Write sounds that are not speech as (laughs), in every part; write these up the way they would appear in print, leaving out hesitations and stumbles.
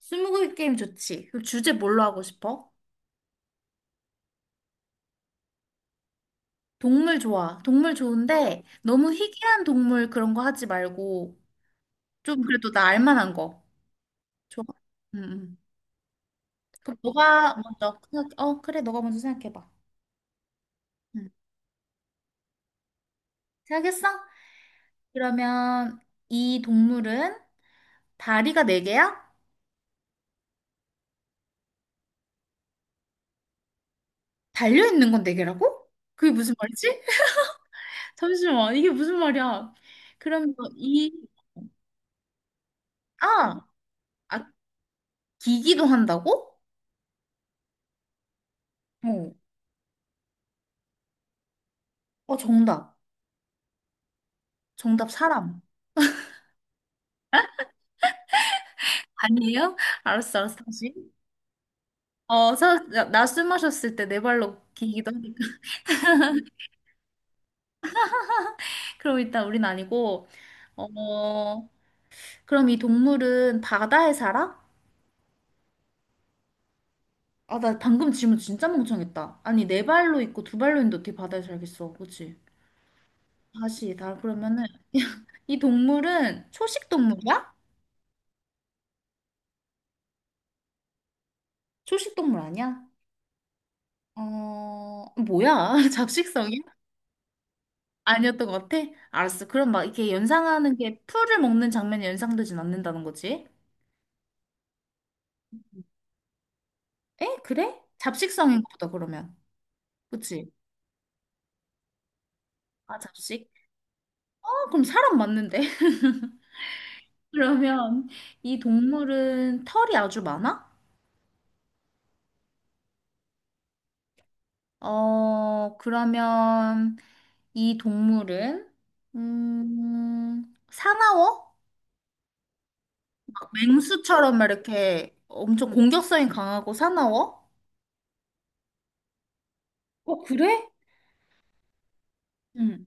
스무고개 게임 좋지. 그럼 주제 뭘로 하고 싶어? 동물 좋아. 동물 좋은데 너무 희귀한 동물 그런 거 하지 말고 좀 그래도 나 알만한 거. 좋아. 응, 응. 그럼 너가 먼저 생각, 그래. 너가 먼저 생각해봐. 응. 생각했어? 그러면 이 동물은 다리가 네 개야? 달려 있는 건 네 개라고? 그게 무슨 말이지? (laughs) 잠시만. 이게 무슨 말이야? 그럼 이, 어, 아, 아, 기기도 한다고? 어. 어, 정답. 정답 사람. 아니에요? 알았어, 알았어, 다시. 어, 사, 나 숨 마셨을 때 네 발로 기기도 하니까. (laughs) 그럼 일단 우린 아니고, 어, 그럼 이 동물은 바다에 살아? 아, 나 방금 질문 진짜 멍청했다. 아니, 네 발로 있고 두 발로 있는데 어떻게 바다에 살겠어? 그치? 다시, 나 그러면은, (laughs) 이 동물은 초식 동물이야? 초식 동물 아니야? 어, 뭐야? (laughs) 잡식성이야? 아니었던 것 같아? 알았어. 그럼 막 이렇게 연상하는 게 풀을 먹는 장면이 연상되진 않는다는 거지? 에? 그래? 잡식성인가 보다, 그러면. 그치? 아, 잡식? 어, 그럼 사람 맞는데? (laughs) 그러면 이 동물은 털이 아주 많아? 어, 그러면 이 동물은, 사나워? 막 맹수처럼 막 이렇게 엄청 공격성이 강하고 사나워? 어, 그래? 응.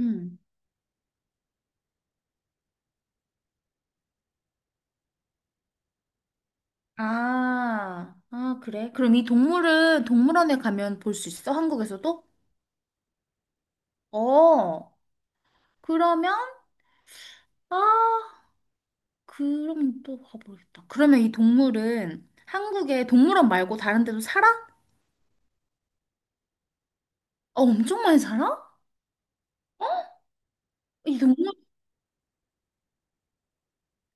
응. 아, 아, 그래? 그럼 이 동물은 동물원에 가면 볼 수 있어? 한국에서도? 어, 그러면, 아, 그럼 또 가보겠다. 그러면 이 동물은 한국에 동물원 말고 다른 데도 살아? 어, 엄청 많이 살아? 이 동물,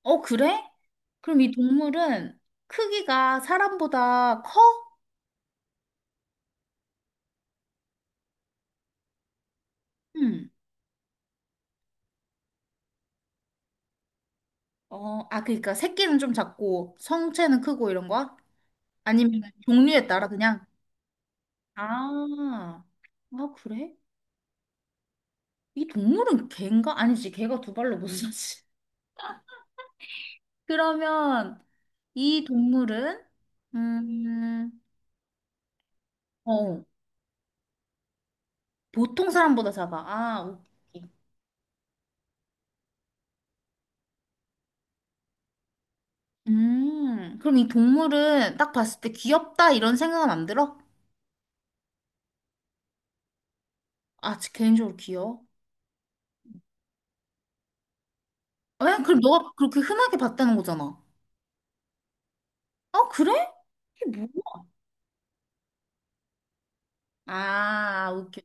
어, 그래? 그럼 이 동물은 크기가 사람보다 커? 응. 어, 아, 그러니까 새끼는 좀 작고 성체는 크고 이런 거야? 아니면 종류에 따라 그냥? 아, 아, 그래? 이 동물은 개인가? 아니지, 개가 두 발로 못 서지. (laughs) 그러면 이 동물은 음, 어, 보통 사람보다 작아. 아, 오케이. 그럼 이 동물은 딱 봤을 때 귀엽다 이런 생각은 안 들어? 아, 저 개인적으로 귀여워. 왜? 그럼 너가 그렇게 흔하게 봤다는 거잖아. 아, 그래? 이게 뭐야? 아, 오케이.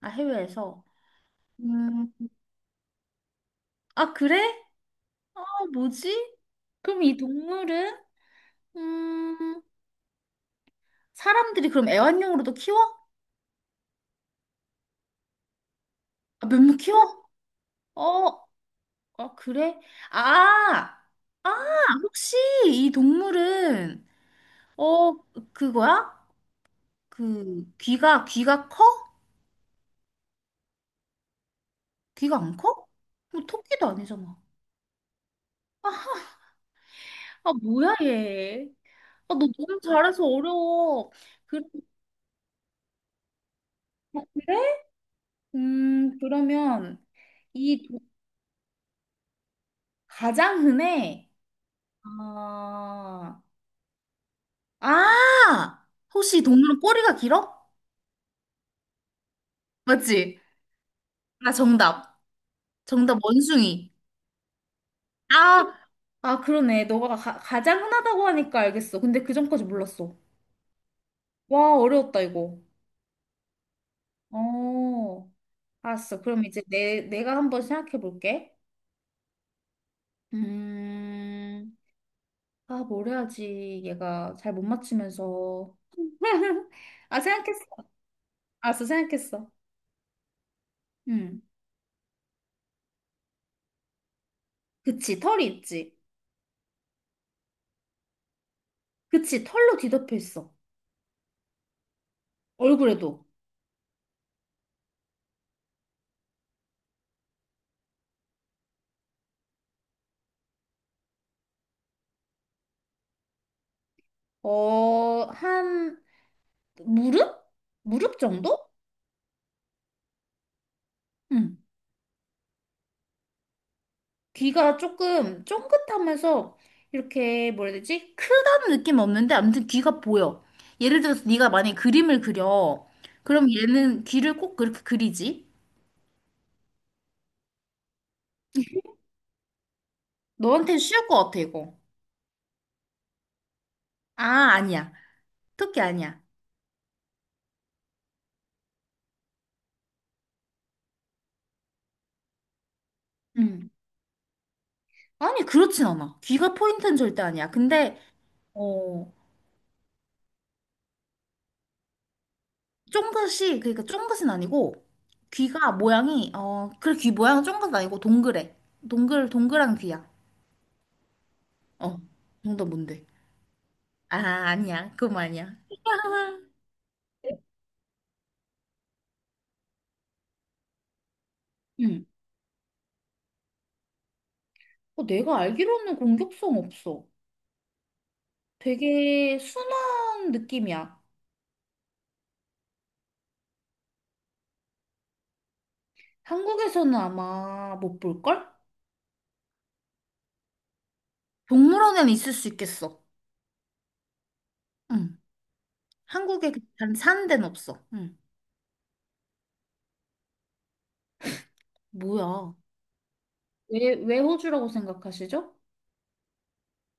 아, 해외에서. 음, 아, 그래? 아, 뭐지? 그럼 이 동물은? 음, 사람들이 그럼 애완용으로도 키워? 아, 몇몇 키워? 어, 어, 그래? 아, 아, 혹시 이 동물은, 어, 그거야? 그, 귀가, 귀가 커? 귀가 안 커? 뭐, 토끼도 아니잖아. 아, 뭐야, 얘. 아, 너 너무 잘해서 어려워. 그, 그래? 그러면, 이 도- 가장 흔해, 아, 아! 혹시 이 동물은 꼬리가 길어? 맞지? 아, 정답. 정답, 원숭이. 아, 아, 그러네. 너가 가, 가장 흔하다고 하니까 알겠어. 근데 그 전까지 몰랐어. 와, 어려웠다, 이거. 어, 알았어. 그럼 이제 내, 내가 한번 생각해 볼게. 음, 아, 뭘 해야지. 얘가 잘 못 맞추면서. (laughs) 아, 생각했어. 알았어, 생각했어. 음, 그치. 털이 있지. 그치. 털로 뒤덮여 있어. 얼굴에도. 어, 한, 무릎? 무릎 정도? 응. 귀가 조금 쫑긋하면서 이렇게 뭐라 해야 되지? 크다는 느낌 은 없는데 아무튼 귀가 보여. 예를 들어서 네가 만약에 그림을 그려. 그럼 얘는 귀를 꼭 그렇게 그리지? 너한테는 쉬울 것 같아, 이거. 아, 아니야. 토끼 아니야. 음. 아니, 그렇진 않아. 귀가 포인트는 절대 아니야. 근데 어, 쫑긋이 그러니까 쫑긋은 아니고 귀가 모양이 어, 그래 귀 모양은 쫑긋 아니고 동그래. 동글 동글한 귀야. 어. 정답 뭔데? 아, 아니야. 그건 아니야. (laughs) 응. 어, 내가 알기로는 공격성 없어. 되게 순한 느낌이야. 한국에서는 아마 못 볼걸? 동물원에는 있을 수 있겠어. 응. 한국에 그 단 사는 데는 없어. 응. 뭐야. 왜, 왜 호주라고 생각하시죠?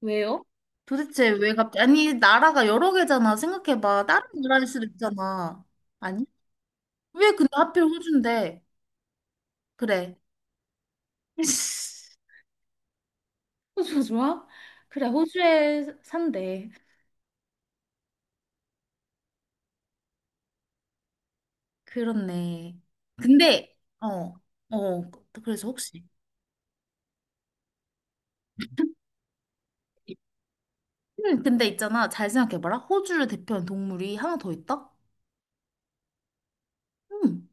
왜요? 도대체 왜 갑자기, 아니, 나라가 여러 개잖아. 생각해봐. 다른 나라일 수도 있잖아. 아니? 왜 근데 하필 호주인데? 그래. (laughs) 호주 좋아? 그래, 호주에 산대. 그렇네. 근데, 어, 어, 그래서 혹시. 근데 있잖아, 잘 생각해봐라. 호주를 대표하는 동물이 하나 더 있다? 응.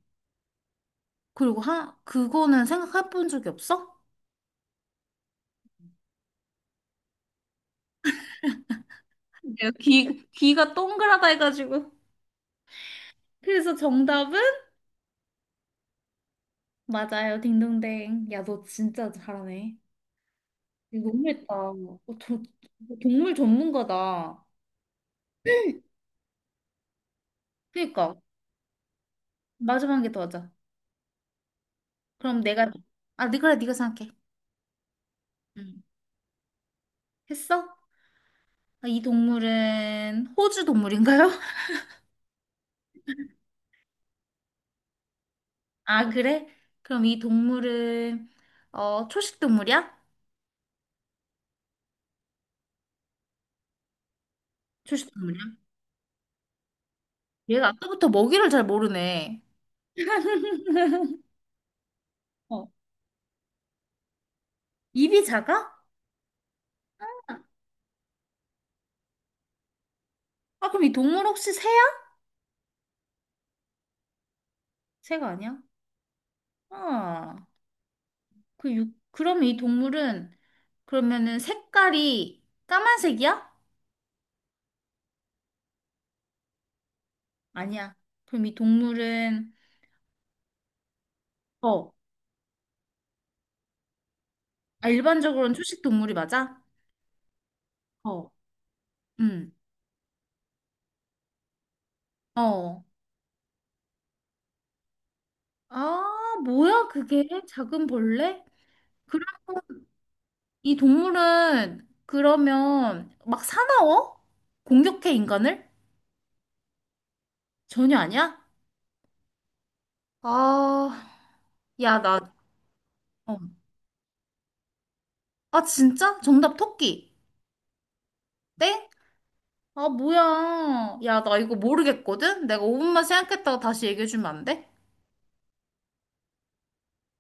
그리고 하, 그거는 생각해본 적이 없어? 내가 귀, 귀가 동그랗다 해가지고. 그래서 정답은? 맞아요, 딩동댕. 야, 너 진짜 잘하네. 이거 너무 했다. 어, 저- 동물 전문가다. 그니까, 마지막에 더 하자. 그럼 내가 아, 네, 그래, 네가 생각해. 응. 했어? 아, 이 동물은 호주 동물인가요? (laughs) 아, 그래? 그럼 이 동물은 초식 동물이야? 초식 동물이야? 얘가 아까부터 먹이를 잘 모르네. (laughs) 어. 입이 작아? 아, 그럼 이 동물 혹시 새야? 새가 아니야? 아, 그 육, 그럼 이 동물은 그러면은 색깔이 까만색이야? 아니야. 그럼 이 동물은 어, 아, 일반적으로는 초식 동물이 맞아? 어. 음. 어. 아, 뭐야, 그게? 작은 벌레? 그러면 이 동물은 그러면 막 사나워? 공격해, 인간을? 전혀 아니야? 아, 야, 나, 어. 아, 진짜? 정답 토끼. 땡? 아, 뭐야. 야, 나 이거 모르겠거든? 내가 5분만 생각했다가 다시 얘기해주면 안 돼?